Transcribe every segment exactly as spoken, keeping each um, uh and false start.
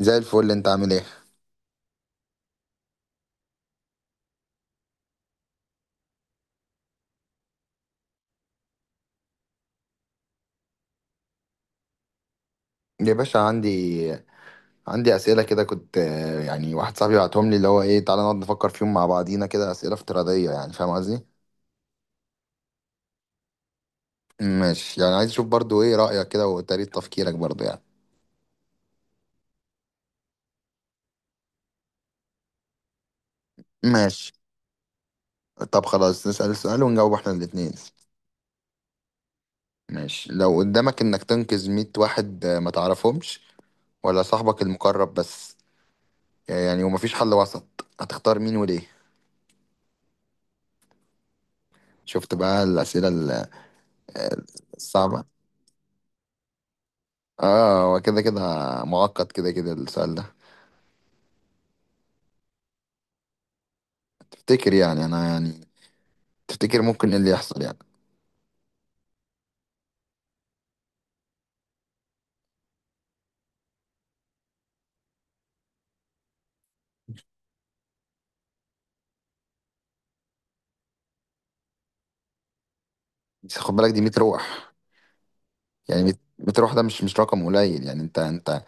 زي الفل، انت عامل ايه؟ يا باشا، عندي عندي اسئله كده، كنت آه، يعني واحد صاحبي بعتهم لي، اللي هو ايه، تعالى نقعد نفكر فيهم مع بعضينا كده، اسئله افتراضيه يعني، فاهم قصدي؟ ماشي، يعني عايز اشوف برضو ايه رايك كده وطريقه تفكيرك برضو يعني. ماشي. طب خلاص، نسال السؤال ونجاوب احنا الاتنين. ماشي، لو قدامك انك تنقذ مية واحد، آه، ما تعرفهمش، ولا صاحبك المقرب بس، يعني ومفيش حل وسط، هتختار مين وليه؟ شفت بقى الاسئله ال- الصعبه. اه، هو كده كده معقد، كده كده السؤال ده. تفتكر يعني انا يعني، تفتكر ممكن ايه اللي يحصل يعني؟ بس خد بالك، دي مية روح، يعني مية، مية روح، ده مش مش رقم قليل يعني، انت انت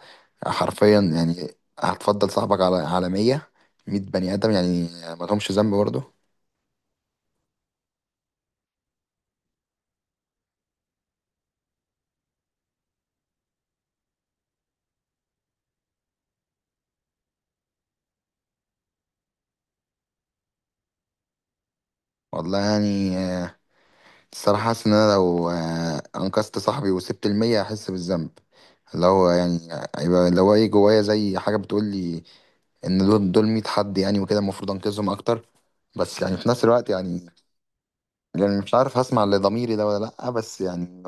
حرفيا يعني، هتفضل صاحبك على على مية، مية بني ادم يعني، ما لهمش ذنب برضه. والله يعني، الصراحة حاسس إن أنا لو آه، أنقذت صاحبي وسبت المية هحس بالذنب. اللي هو يعني، هيبقى اللي هو إيه جوايا، زي حاجة بتقولي إن دول دول مية حد يعني، وكده المفروض أنقذهم أكتر. بس يعني في نفس الوقت يعني يعني مش عارف هسمع لضميري ده ولا لأ، بس يعني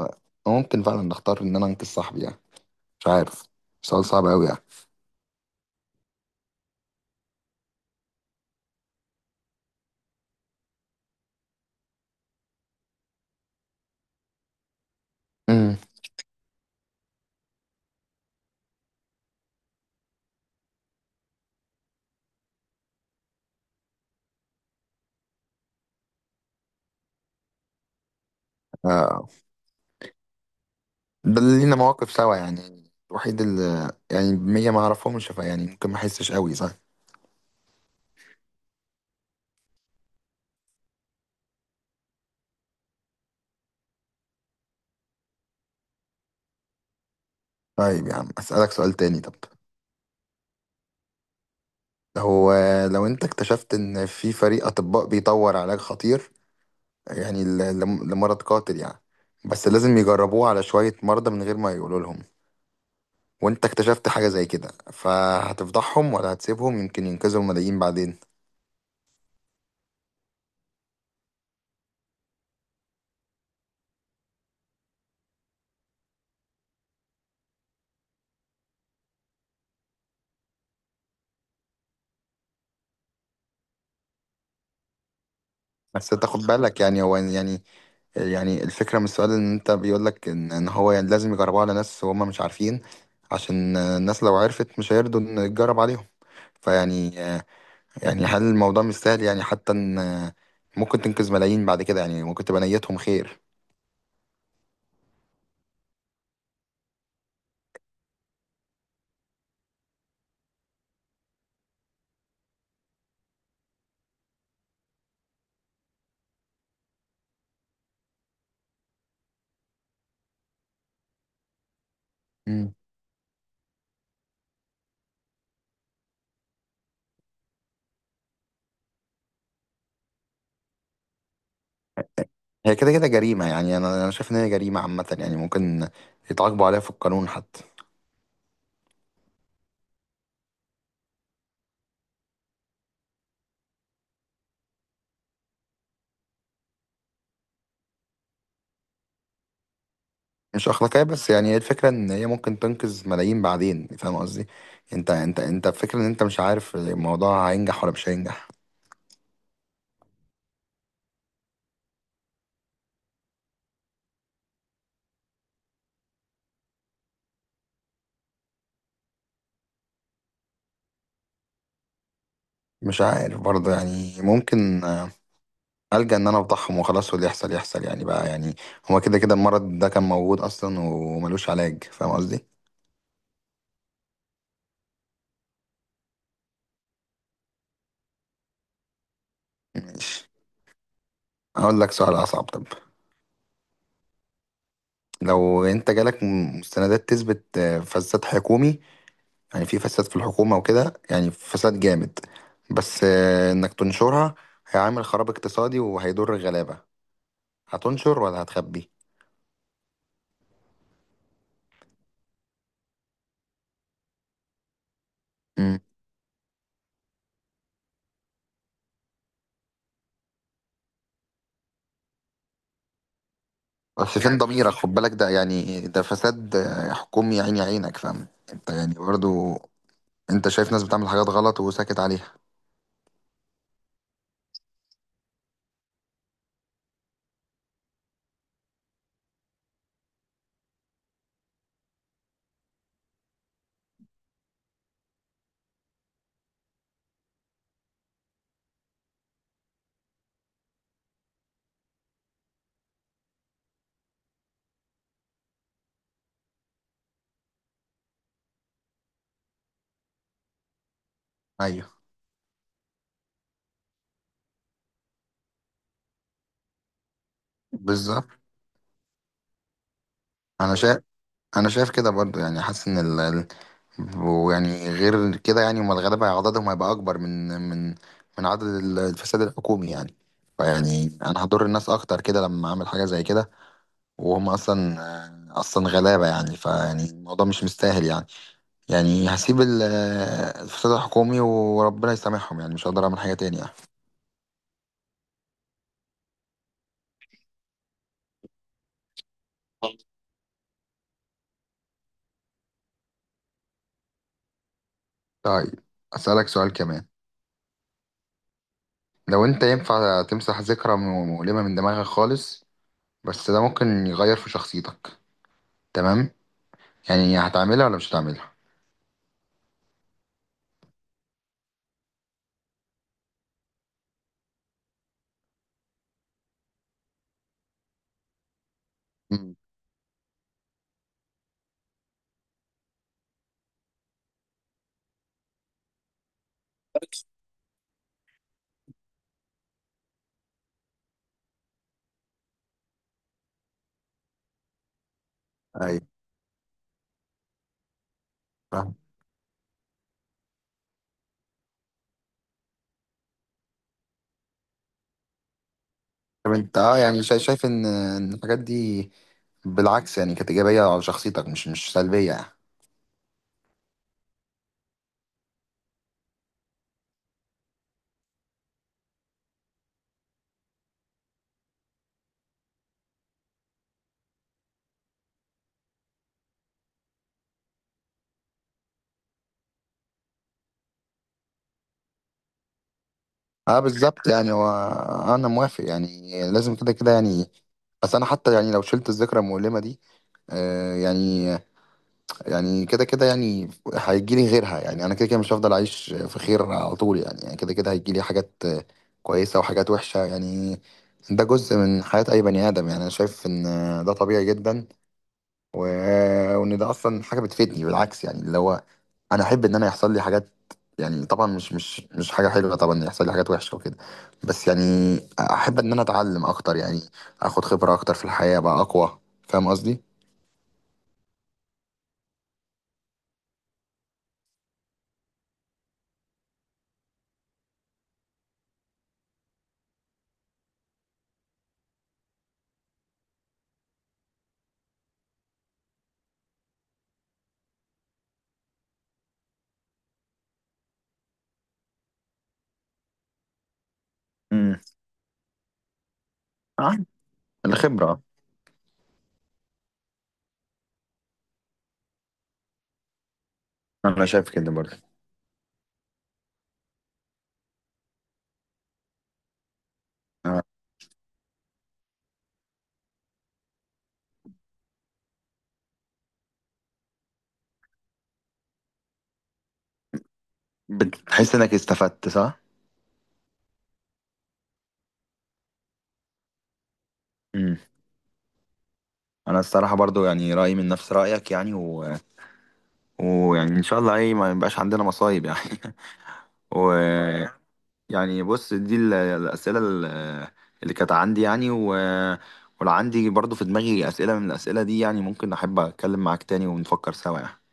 ممكن فعلا نختار إن أنا أنقذ صاحبي يعني. مش عارف، سؤال صعب أوي يعني. امم آه ده اللي لينا مواقف سوا يعني، الوحيد اللي يعني مية ما أعرفهمش، فيعني ممكن ما أحسش أوي، صح. طيب يا عم، أسألك سؤال تاني طب. هو لو انت اكتشفت ان في فريق اطباء بيطور علاج خطير، يعني ل- لم- لمرض قاتل يعني، بس لازم يجربوه على شوية مرضى من غير ما يقولوا لهم، وانت اكتشفت حاجة زي كده، فهتفضحهم ولا هتسيبهم يمكن ينقذوا الملايين بعدين؟ بس انت خد بالك يعني، هو يعني يعني الفكرة من السؤال ان انت بيقولك ان ان هو يعني لازم يجربوه على ناس وهم مش عارفين، عشان الناس لو عرفت مش هيرضوا ان يتجرب عليهم. فيعني يعني هل الموضوع مش سهل يعني، حتى ان آه، ممكن تنقذ ملايين بعد كده يعني، ممكن تبقى نيتهم خير. مم. هي كده كده جريمة يعني، أنا أنا شايف إن هي جريمة عامة يعني، ممكن يتعاقبوا عليها في القانون حتى. مش أخلاقية، بس يعني هي الفكرة إن هي ممكن تنقذ ملايين بعدين، فاهم قصدي؟ أنت أنت أنت الفكرة إن أنت مش عارف الموضوع هينجح ولا مش هينجح. مش عارف برضه يعني، ممكن آه، ألجأ إن أنا أفضحهم وخلاص، واللي يحصل يحصل يعني، بقى يعني هو كده كده المرض ده كان موجود أصلا وملوش علاج، فاهم قصدي؟ ماشي، هقول لك سؤال أصعب طب. لو أنت جالك م- مستندات تثبت آه، فساد حكومي، يعني في فساد في الحكومة وكده، يعني فساد جامد، بس آه، إنك تنشرها هيعمل خراب اقتصادي وهيضر الغلابة، هتنشر ولا هتخبي؟ مم. بس فين ضميرك؟ خد بالك، ده يعني ده فساد آه، حكومي عيني عينك، فاهم أنت يعني برضو، أنت شايف ناس بتعمل حاجات غلط وساكت عليها. أيوه بالظبط، أنا شايف انا شايف كده برضو يعني، حاسس ان ال... ال- ويعني غير كده يعني هم الغلابه عددهم هيبقى اكبر من من من عدد ال- الفساد الحكومي يعني. فيعني انا هضر الناس اكتر كده لما اعمل حاجه زي كده، وهم اصلا اصلا غلابه يعني، فيعني الموضوع مش مستاهل يعني. يعني هسيب ال- الفساد الحكومي وربنا يسامحهم يعني، مش هقدر اعمل حاجه تاني يعني. طيب، اسالك سؤال كمان. لو انت ينفع تمسح ذكرى مؤلمه من دماغك خالص، بس ده ممكن يغير في شخصيتك، تمام؟ يعني هتعملها ولا مش هتعملها؟ امم، ايوه فاهم. طب انت اه يعني شايف شايف ان إن الحاجات دي بالعكس يعني كانت ايجابيه على شخصيتك، مش مش سلبيه يعني؟ اه بالظبط يعني. هو انا موافق يعني، لازم كده كده يعني. بس انا حتى يعني، لو شلت الذكرى المؤلمه دي، آه يعني يعني كده كده يعني هيجي لي غيرها يعني، انا كده كده مش هفضل اعيش في خير على طول يعني يعني كده كده هيجي لي حاجات كويسه وحاجات وحشه يعني. ده جزء من حياه اي بني ادم يعني، انا شايف ان ده طبيعي جدا، و... وان ده اصلا حاجه بتفيدني بالعكس يعني، اللي هو انا احب ان انا يحصل لي حاجات يعني. طبعا مش مش مش حاجه حلوه طبعا يحصل لي حاجات وحشه وكده، بس يعني احب ان انا اتعلم اكتر يعني، اخد خبره اكتر في الحياه بقى اقوى، فاهم قصدي؟ امم، اه الخبرة. انا شايف كده برضه. آه، بتحس انك استفدت، صح؟ امم انا الصراحة برضو يعني رأيي من نفس رأيك يعني، و... ويعني ان شاء الله ايه ما يبقاش عندنا مصايب يعني. و يعني بص، دي ال- الأسئلة ال- اللي كانت عندي يعني، و... ولو عندي برضو في دماغي أسئلة من الأسئلة دي يعني، ممكن أحب أتكلم معاك تاني ونفكر سوا يعني.